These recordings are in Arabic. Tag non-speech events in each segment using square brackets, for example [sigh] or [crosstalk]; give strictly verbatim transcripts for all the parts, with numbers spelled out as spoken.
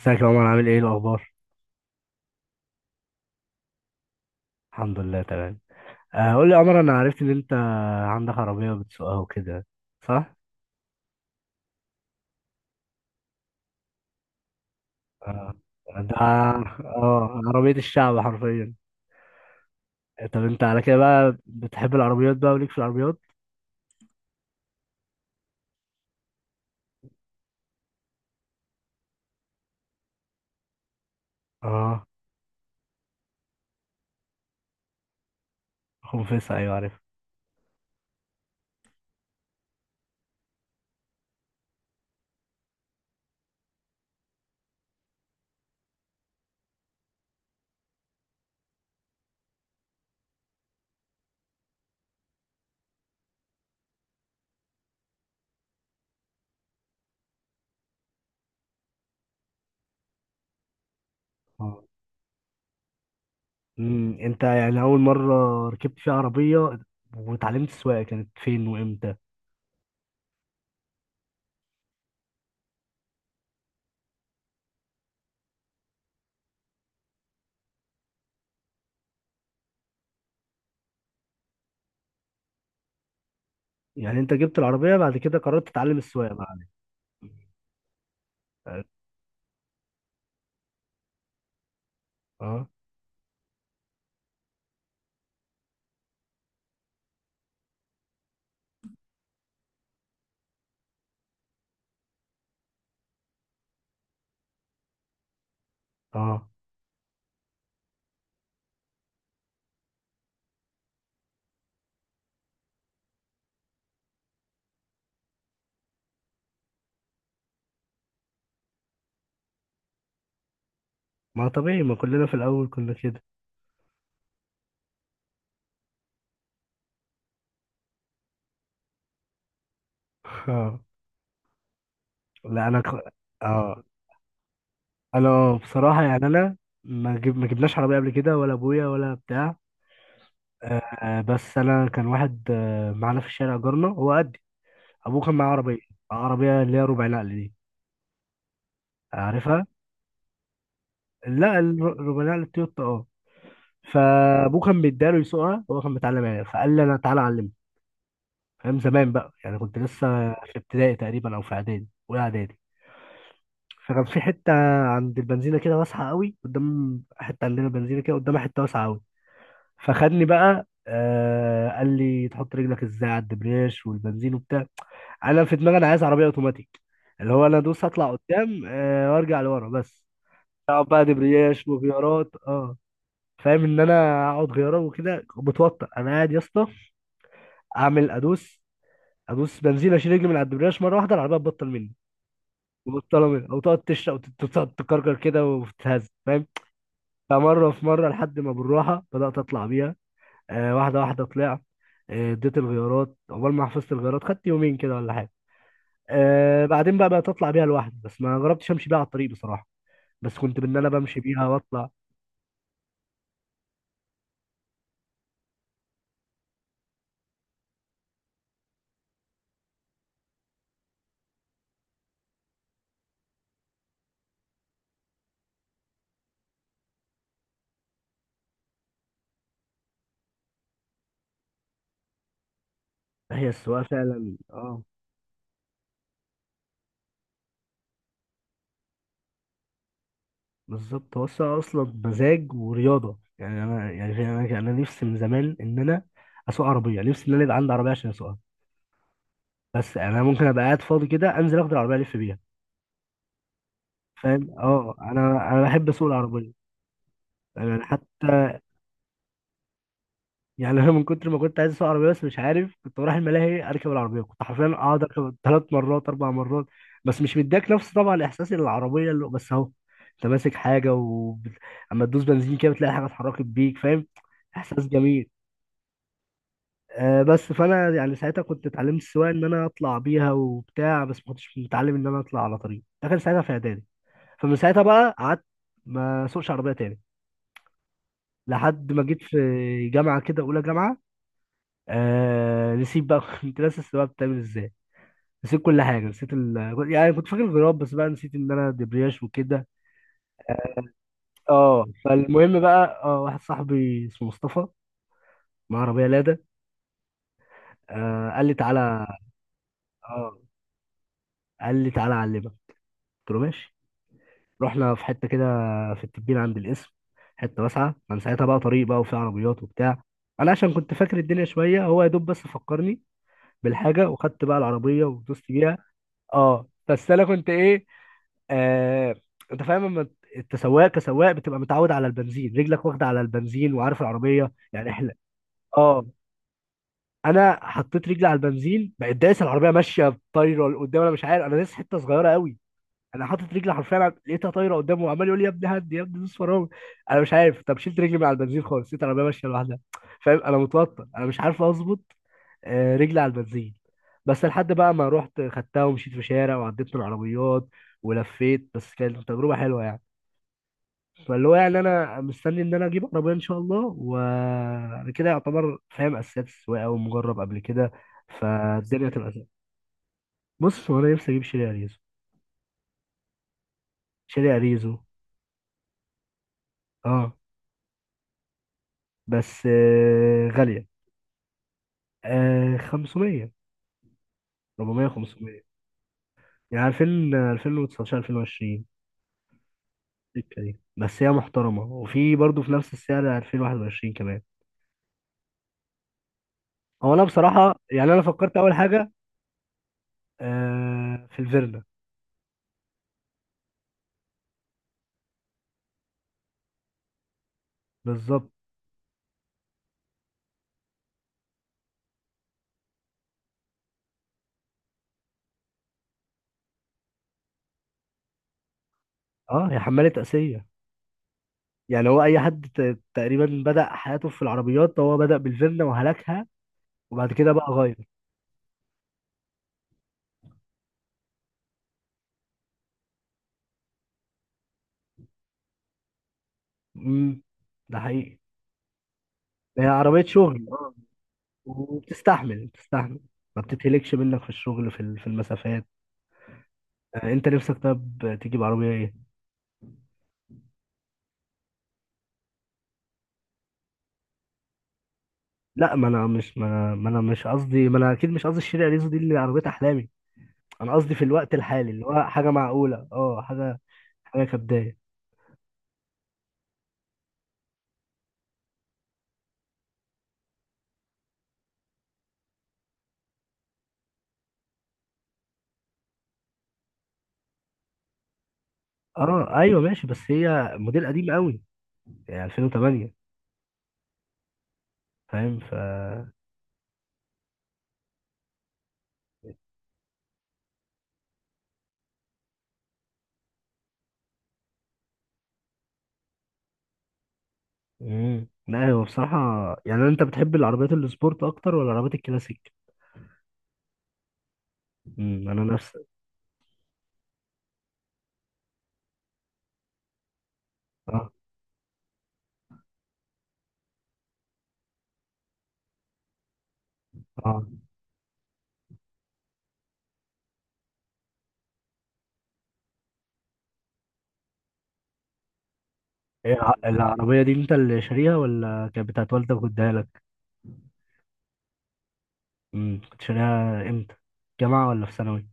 ازيك يا عمر؟ عامل ايه؟ إيه الاخبار؟ الحمد لله تمام. آه قول لي يا عمر، انا عرفت ان انت عندك عربيه بتسوقها وكده، صح؟ آه. ده اه عربيه الشعب حرفيا. طب انت على كده بقى بتحب العربيات بقى وليك في العربيات؟ اه. خنفسه، ايوه عارف. اه. امم انت يعني اول مره ركبت فيها عربيه وتعلمت السواقه كانت فين وامتى؟ يعني انت جبت العربيه بعد كده قررت تتعلم السواقه بعد؟ اه. اه ما طبيعي، ما كلنا في الاول كنا كده. [laughs] لا انا ك... اه. انا بصراحه يعني انا ما جب... ما جبناش عربيه قبل كده ولا ابويا ولا بتاع. آه بس انا كان واحد آه معانا في الشارع، جارنا، هو قدي، ابوه كان معاه عربيه، آه، عربيه اللي هي ربع نقل دي، عارفها؟ لا الر- ربع نقل التويوتا اه. فابوه كان بيداله يسوقها، هو كان متعلم يعني، فقال لي انا تعالى اعلمك. فاهم؟ زمان بقى يعني، كنت لسه في ابتدائي تقريبا او في اعدادي، اولى اعدادي. فكان في حته عند البنزينه كده واسعه قوي، قدام حته عندنا بنزينه كده قدامها حته واسعه قوي. فخدني بقى، آه قال لي تحط رجلك ازاي على الدبرياش والبنزين وبتاع. انا في دماغي انا عايز عربيه اوتوماتيك، اللي هو انا ادوس اطلع قدام آه وارجع لورا بس. اقعد بقى دبرياش وغيارات اه. فاهم؟ ان انا اقعد غيارة وكده بتوتر، انا قاعد يا اسطى اعمل ادوس ادوس بنزين، اشيل رجلي من على الدبرياش مره واحده العربيه تبطل مني، مبطله مني، او تقعد تشرق وتقعد تكركر كده وتتهز. فاهم؟ فمره في مره لحد ما بالراحه بدات اطلع بيها، آه واحدة واحدة طلعت. آه، اديت الغيارات عقبال ما حفظت الغيارات، خدت يومين كده ولا حاجة. آه بعدين بقى بقيت اطلع بيها لوحدي، بس ما جربتش امشي بيها على الطريق بصراحة. بس كنت بان انا بمشي بيها واطلع. هي السواقة فعلا اه. بالظبط، هو السواقة اصلا مزاج ورياضة يعني، انا يعني انا انا نفسي من زمان ان انا اسوق عربية، نفسي ان انا يبقى عندي عربية عشان اسوقها. بس يعني انا ممكن ابقى قاعد فاضي كده انزل اخد العربية الف بيها. فاهم؟ اه انا انا بحب اسوق العربية. يعني حتى يعني انا من كتر ما كنت عايز اسوق عربيه بس مش عارف كنت بروح الملاهي اركب العربيه، كنت حرفيا اقعد اركب ثلاث مرات اربع مرات. بس مش مديك نفس طبعا الاحساس اللي العربيه اللي بس اهو انت ماسك حاجه وب... اما تدوس بنزين كده بتلاقي حاجه اتحركت بيك. فاهم؟ احساس جميل. آه بس فانا يعني ساعتها كنت اتعلمت السواقه ان انا اطلع بيها وبتاع، بس ما كنتش متعلم ان انا اطلع على طريق، ده كان ساعتها في اعدادي. فمن ساعتها بقى قعدت ما اسوقش عربيه تاني لحد ما جيت في جامعه كده، اولى جامعه. آه نسيت بقى. [laughs] كنت ناسي السواقه بتعمل ازاي. نسيت كل حاجه، نسيت ال... يعني كنت فاكر الغراب بس بقى نسيت ان انا دبرياش وكده. اه فالمهم بقى، اه واحد صاحبي اسمه مصطفى معاه عربيه لادا، آه قال لي تعالى. اه قال لي تعالى اعلمك، قلت له ماشي. رحنا في حته كده في التبين عند القسم، حته واسعه. كان ساعتها بقى طريق بقى وفي عربيات وبتاع. انا عشان كنت فاكر الدنيا شويه، هو يا دوب بس فكرني بالحاجه، وخدت بقى العربيه ودوست بيها. اه بس انا كنت ايه، آه انت فاهم لما ت- انت سواق، كسواق بتبقى متعود على البنزين، رجلك واخده على البنزين وعارف العربيه يعني، احنا اه. انا حطيت رجلي على البنزين بقت دايس، العربيه ماشيه طايره لقدام، انا مش عارف انا دايس، حته صغيره قوي انا حاطط رجلي حرفيا على- لقيتها طايره قدامه، وعمال يقول لي يا ابني هدي يا ابني دوس فرامل. انا مش عارف، طب شلت رجلي من على البنزين خالص لقيت العربيه ماشيه لوحدها. فاهم؟ انا متوتر، انا مش عارف اظبط آه، رجلي على البنزين. بس لحد بقى ما رحت خدتها ومشيت في شارع وعديت من العربيات ولفيت. بس كانت تجربه حلوه يعني. فاللي هو يعني انا مستني ان انا اجيب عربيه ان شاء الله، وانا كده يعتبر فاهم اساسيات السواقه ومجرب قبل كده، فالدنيا تبقى سهله. بص هو انا نفسي اجيب شيري اريزو. شيري اريزو اه. بس آه غاليه. آه خمسميه، اربعميه خمسميه، يعني الفين الفين وتسعتاشر الفين وعشرين السكه دي. بس هي محترمه، وفي برضه في نفس السعر الفين وواحد وعشرين كمان. هو انا بصراحه يعني انا فكرت اول حاجه آه في الفيرنا. بالظبط. اه هي حماله اسيه. يعني هو اي حد ت- تقريبا بدأ حياته في العربيات هو بدأ بالفيلا وهلكها، وبعد كده بقى غير. امم ده حقيقي. هي عربية شغل آه. وبتستحمل بتستحمل ما بتتهلكش منك في الشغل، في ال- في المسافات. آه، انت نفسك طب تجيب عربية ايه؟ لا ما انا مش ما انا ما انا مش قصدي، ما انا اكيد مش قصدي الشريعة ريزو دي اللي عربية احلامي. انا قصدي في الوقت الحالي اللي هو حاجة معقولة، اه حاجة، حاجة كبداية. اه ايوه ماشي، بس هي موديل قديم قوي، يعني الفين وتمنية. فاهم ف امم. لا هو بصراحة يعني انت بتحب العربيات السبورت اكتر ولا العربيات الكلاسيك؟ امم انا نفس، اه اه. ايه الع- العربية دي انت اللي شاريها ولا كانت بتاعت والدك واداها لك؟ امم كنت شاريها امتى؟ جامعة ولا في ثانوي؟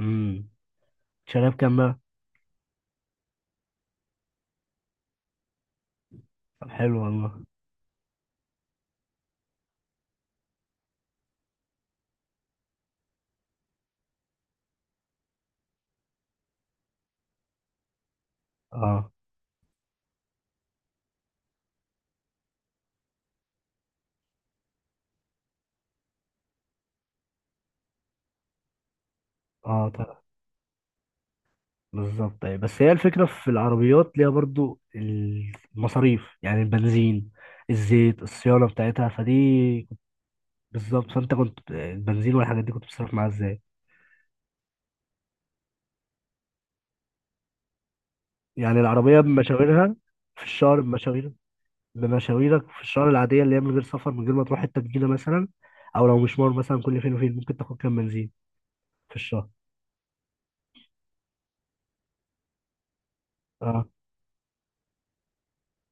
امم شاريها بكام بقى؟ طب حلو والله. اه اه. طب بالظبط ايه، بس هي الفكرة في العربيات ليها برضو المصاريف يعني، البنزين الزيت الصيانة بتاعتها فدي. بالظبط، فانت كنت البنزين والحاجات دي كنت بتصرف معاها ازاي؟ يعني العربية بمشاويرها في الشهر، بمشاوير، بمشاويرك في الشهر العادية اللي هي من غير سفر، من غير ما تروح حتة جديدة مثلا، أو لو مشوار مثلا كل فين وفين، ممكن تاخد كام بنزين في الشهر؟ اه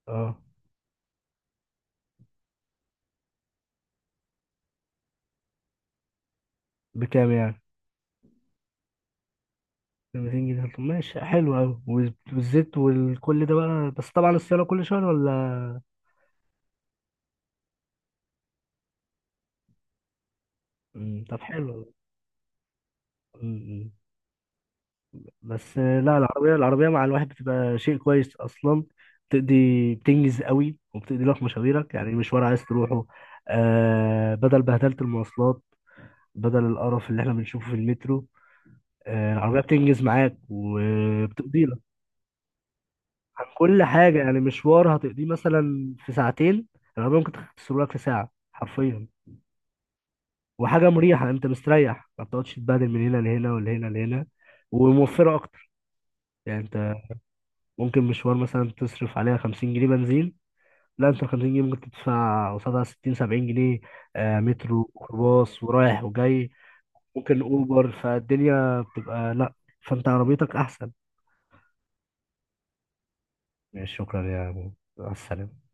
اه. بكام يعني؟ ب ميتين جنيه؟ طب ماشي حلو أوي. وال- والزيت والكل ده بقى، بس طبعا الصيانة كل شهر ولا؟ مم، طب حلو. مم، بس آه، لا العربية، العربية مع الواحد بتبقى شيء كويس أصلا، بتقضي، بتنجز قوي وبتقضي لك مشاويرك، يعني مشوار عايز تروحه. آه بدل بهدلة المواصلات، بدل القرف اللي احنا بنشوفه في المترو. آه العربية بتنجز معاك وبتقضي لك عن كل حاجة. يعني مشوار هتقضيه مثلا في ساعتين، العربية ممكن تختصر لك في ساعة حرفيا. وحاجة مريحة، انت مستريح، ما بتقعدش تتبهدل من هنا لهنا ولهنا لهنا. وموفرة أكتر، يعني انت ممكن مشوار مثلا تصرف عليها خمسين جنيه بنزين. لا انت خمسين جنيه ممكن تدفع قصادها ستين سبعين جنيه، آه، مترو وخلاص، ورايح وجاي، ممكن اوبر، فالدنيا بتبقى لا، فانت عربيتك احسن. ماشي، شكرا يا ابو. مع السلامه.